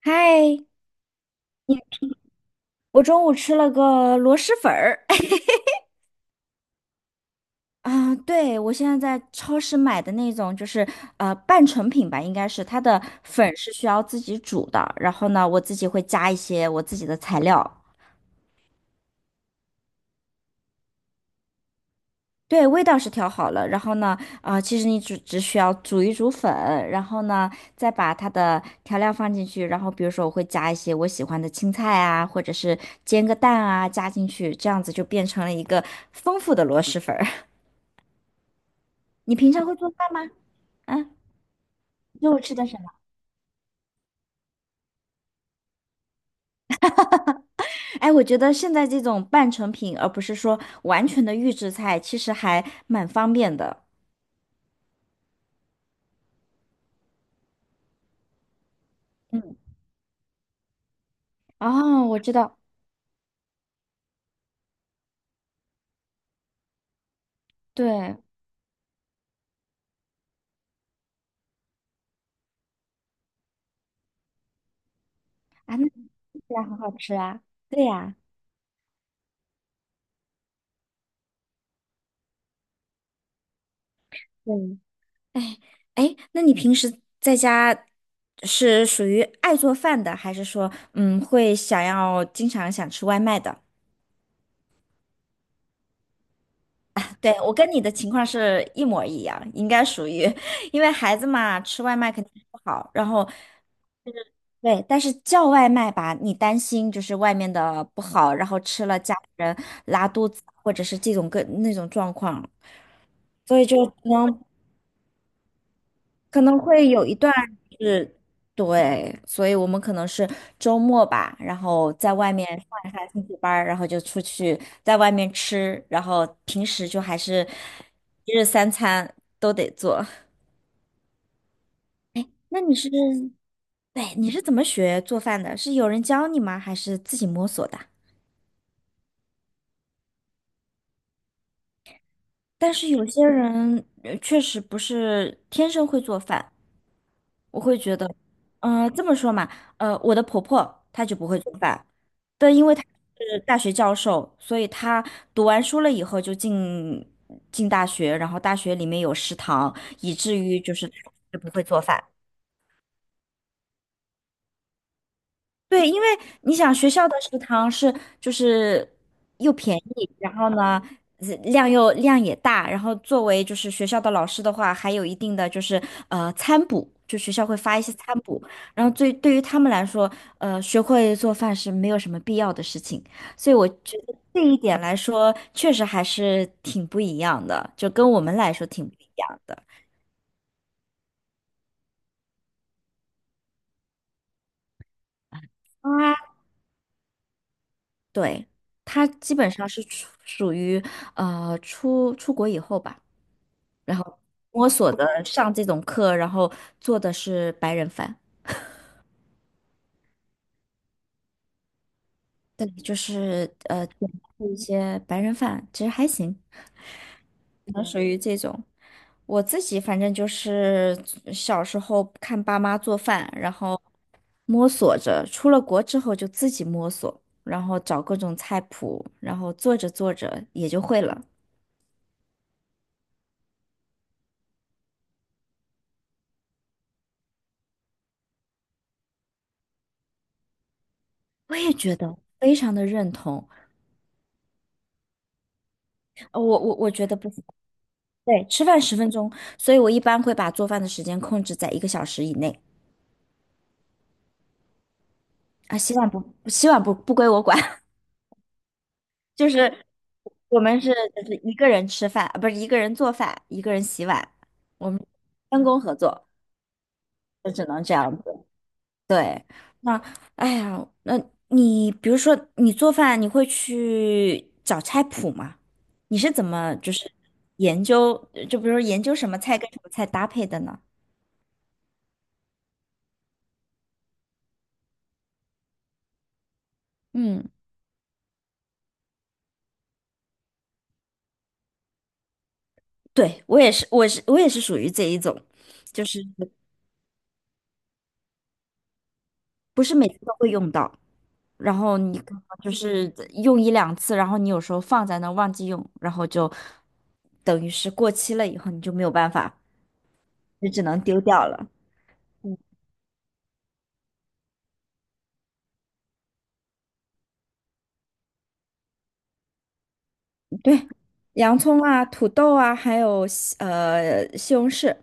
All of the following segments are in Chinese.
嗨，我中午吃了个螺蛳粉儿。啊对，我现在在超市买的那种，就是半成品吧，应该是它的粉是需要自己煮的，然后呢，我自己会加一些我自己的材料。对，味道是调好了，然后呢，其实你只需要煮一煮粉，然后呢，再把它的调料放进去，然后比如说我会加一些我喜欢的青菜啊，或者是煎个蛋啊，加进去，这样子就变成了一个丰富的螺蛳粉儿。你平常会做饭吗？啊，肉吃的什么？哎，我觉得现在这种半成品，而不是说完全的预制菜，其实还蛮方便的。嗯，哦，我知道，对啊，那听起来很好吃啊。对呀，嗯，哎哎，那你平时在家是属于爱做饭的，还是说会想要经常想吃外卖的？对，我跟你的情况是一模一样，应该属于，因为孩子嘛，吃外卖肯定不好，然后对，但是叫外卖吧，你担心就是外面的不好，然后吃了家里人拉肚子，或者是这种那种状况，所以就可能会有一段是，对，所以我们可能是周末吧，然后在外面上一下兴趣班儿然后就出去在外面吃，然后平时就还是一日三餐都得做。那你是，对，你是怎么学做饭的？是有人教你吗？还是自己摸索的？但是有些人确实不是天生会做饭，我会觉得，嗯，这么说嘛，我的婆婆她就不会做饭，但因为她是大学教授，所以她读完书了以后就进大学，然后大学里面有食堂，以至于就是就不会做饭。对，因为你想学校的食堂是就是又便宜，然后呢量也大，然后作为就是学校的老师的话，还有一定的就是餐补，就学校会发一些餐补，然后对于他们来说，学会做饭是没有什么必要的事情，所以我觉得这一点来说，确实还是挺不一样的，就跟我们来说挺不一样的。啊，对，他基本上是属于出国以后吧。然后摸索的上这种课，然后做的是白人饭，对，就是点一些白人饭，其实还行，嗯属于这种。我自己反正就是小时候看爸妈做饭，然后摸索着，出了国之后就自己摸索，然后找各种菜谱，然后做着做着也就会了。我也觉得非常的认同，我觉得不行。对，吃饭10分钟，所以我一般会把做饭的时间控制在一个小时以内。啊，洗碗不归我管，就是我们是就是一个人吃饭，啊不是一个人做饭，一个人洗碗，我们分工合作，就只能这样子。对，那哎呀，那你比如说你做饭，你会去找菜谱吗？你是怎么就是研究，就比如说研究什么菜跟什么菜搭配的呢？嗯对，我也是，我也是属于这一种，就是不是每次都会用到，然后你可能就是用一两次，然后你有时候放在那儿忘记用，然后就等于是过期了以后你就没有办法，你只能丢掉了。对，洋葱啊、土豆啊，还有西红柿，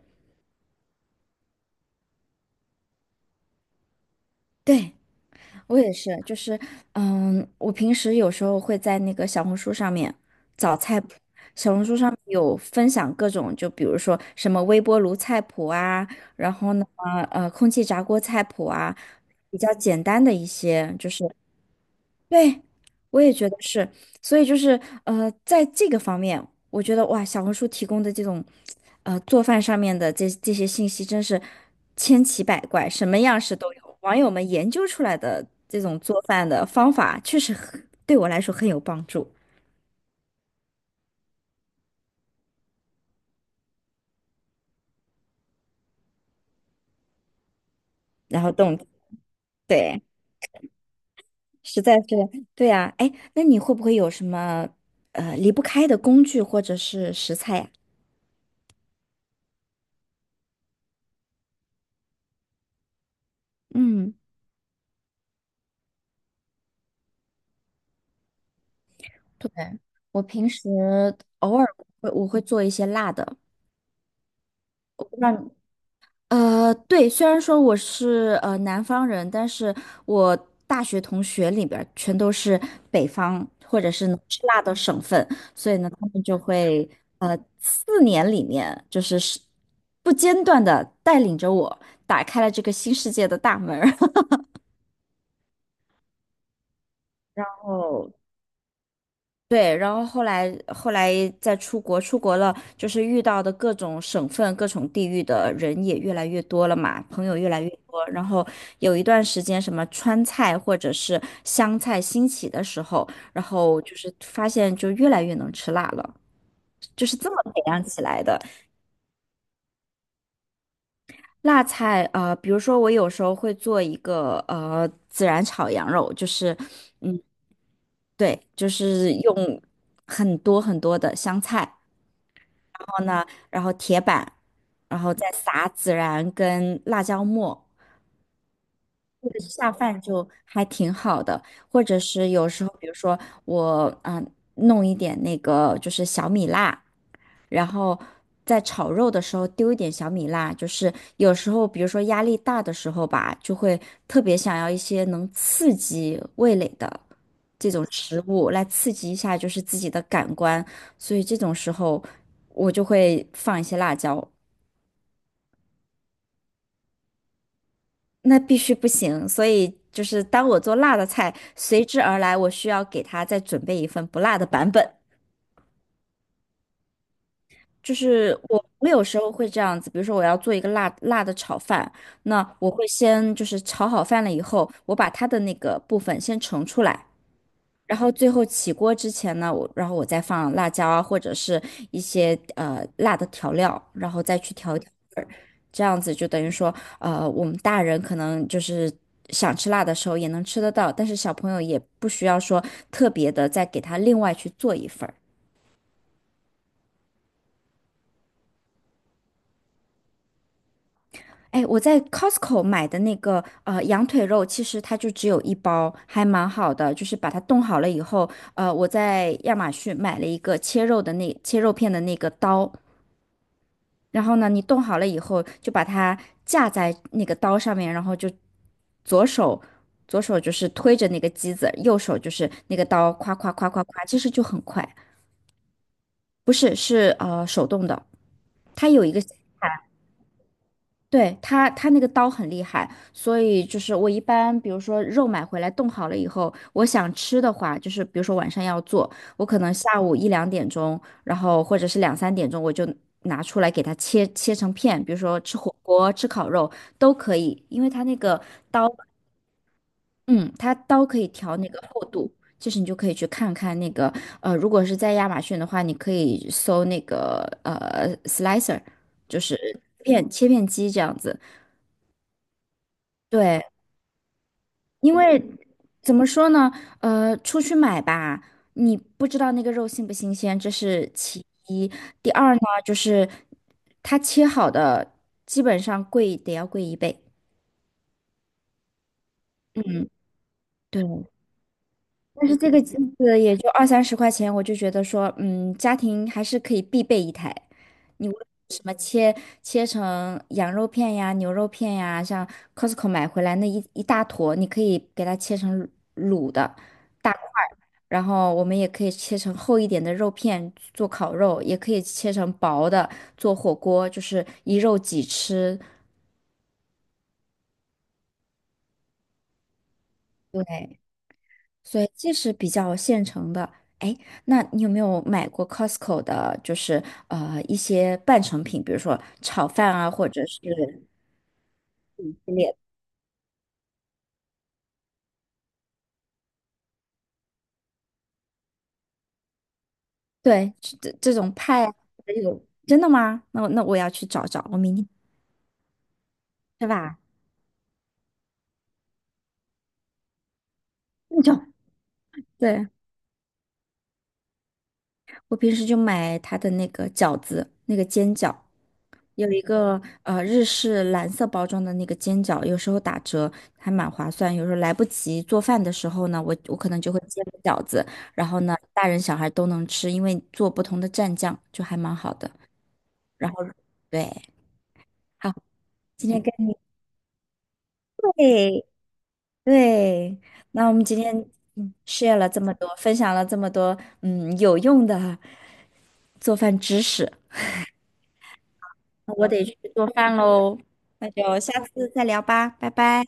对，我也是，就是，嗯，我平时有时候会在那个小红书上面找菜谱，小红书上面有分享各种，就比如说什么微波炉菜谱啊，然后呢，空气炸锅菜谱啊，比较简单的一些，就是，对，我也觉得是，所以就是在这个方面，我觉得哇，小红书提供的这种做饭上面的这些信息真是千奇百怪，什么样式都有。网友们研究出来的这种做饭的方法，确实很对我来说很有帮助。然后动，对，实在是对啊。哎，那你会不会有什么离不开的工具或者是食材呀？嗯，对，我平时偶尔会做一些辣的，我不知道。对，虽然说我是南方人，但是我大学同学里边儿全都是北方或者是能吃辣的省份，所以呢，他们就会4年里面就是不间断的带领着我打开了这个新世界的大门然后 对，然后后来再出国，出国了就是遇到的各种省份、各种地域的人也越来越多了嘛，朋友越来越多。然后有一段时间，什么川菜或者是湘菜兴起的时候，然后就是发现就越来越能吃辣了，就是这么培养起来的。辣菜，比如说我有时候会做一个孜然炒羊肉，就是嗯。对，就是用很多很多的香菜，呢，然后铁板，然后再撒孜然跟辣椒末，这个下饭就还挺好的。或者是有时候，比如说我弄一点那个就是小米辣，然后在炒肉的时候丢一点小米辣，就是有时候比如说压力大的时候吧，就会特别想要一些能刺激味蕾的。这种食物来刺激一下，就是自己的感官，所以这种时候我就会放一些辣椒。那必须不行，所以就是当我做辣的菜，随之而来，我需要给他再准备一份不辣的版本。就是我有时候会这样子，比如说我要做一个辣辣的炒饭，那我会先就是炒好饭了以后，我把它的那个部分先盛出来，然后最后起锅之前呢，然后我再放辣椒啊，或者是一些辣的调料，然后再去调一调味儿，这样子就等于说，我们大人可能就是想吃辣的时候也能吃得到，但是小朋友也不需要说特别的再给他另外去做一份儿。哎，我在 Costco 买的那个羊腿肉，其实它就只有一包，还蛮好的。就是把它冻好了以后，我在亚马逊买了一个切肉的切肉片的那个刀，然后呢，你冻好了以后，就把它架在那个刀上面，然后就左手左手就是推着那个机子，右手就是那个刀，夸夸夸夸夸，其实就很快。不是，是手动的，它有一个对，它那个刀很厉害，所以就是我一般，比如说肉买回来冻好了以后，我想吃的话，就是比如说晚上要做，我可能下午一两点钟，然后或者是两三点钟，我就拿出来给它切成片，比如说吃火锅、吃烤肉都可以，因为它那个刀，嗯，它刀可以调那个厚度，就是你就可以去看看那个，如果是在亚马逊的话，你可以搜那个slicer，就是切片机这样子。对，因为怎么说呢？出去买吧，你不知道那个肉新不新鲜，这是其一。第二呢，就是它切好的，基本上贵得要贵一倍。嗯，对。但是这个机子也就二三十块钱，我就觉得说，嗯，家庭还是可以必备一台。你无论什么切成羊肉片呀、牛肉片呀，像 Costco 买回来那一大坨，你可以给它切成卤的大块儿然后我们也可以切成厚一点的肉片做烤肉，也可以切成薄的做火锅，就是一肉几吃。对，所以这是比较现成的。哎，那你有没有买过 Costco 的，就是一些半成品，比如说炒饭啊，或者是嗯系列对，这种派啊这种，真的吗？那我要去找找，我明天是吧？那种，对，我平时就买它的那个饺子，那个煎饺。有一个日式蓝色包装的那个煎饺，有时候打折还蛮划算。有时候来不及做饭的时候呢，我可能就会煎个饺子，然后呢，大人小孩都能吃，因为做不同的蘸酱就还蛮好的。然后对，好，今天跟你对对，那我们今天share 了这么多，分享了这么多有用的做饭知识，那我得去做饭喽，那就下次再聊吧，拜拜。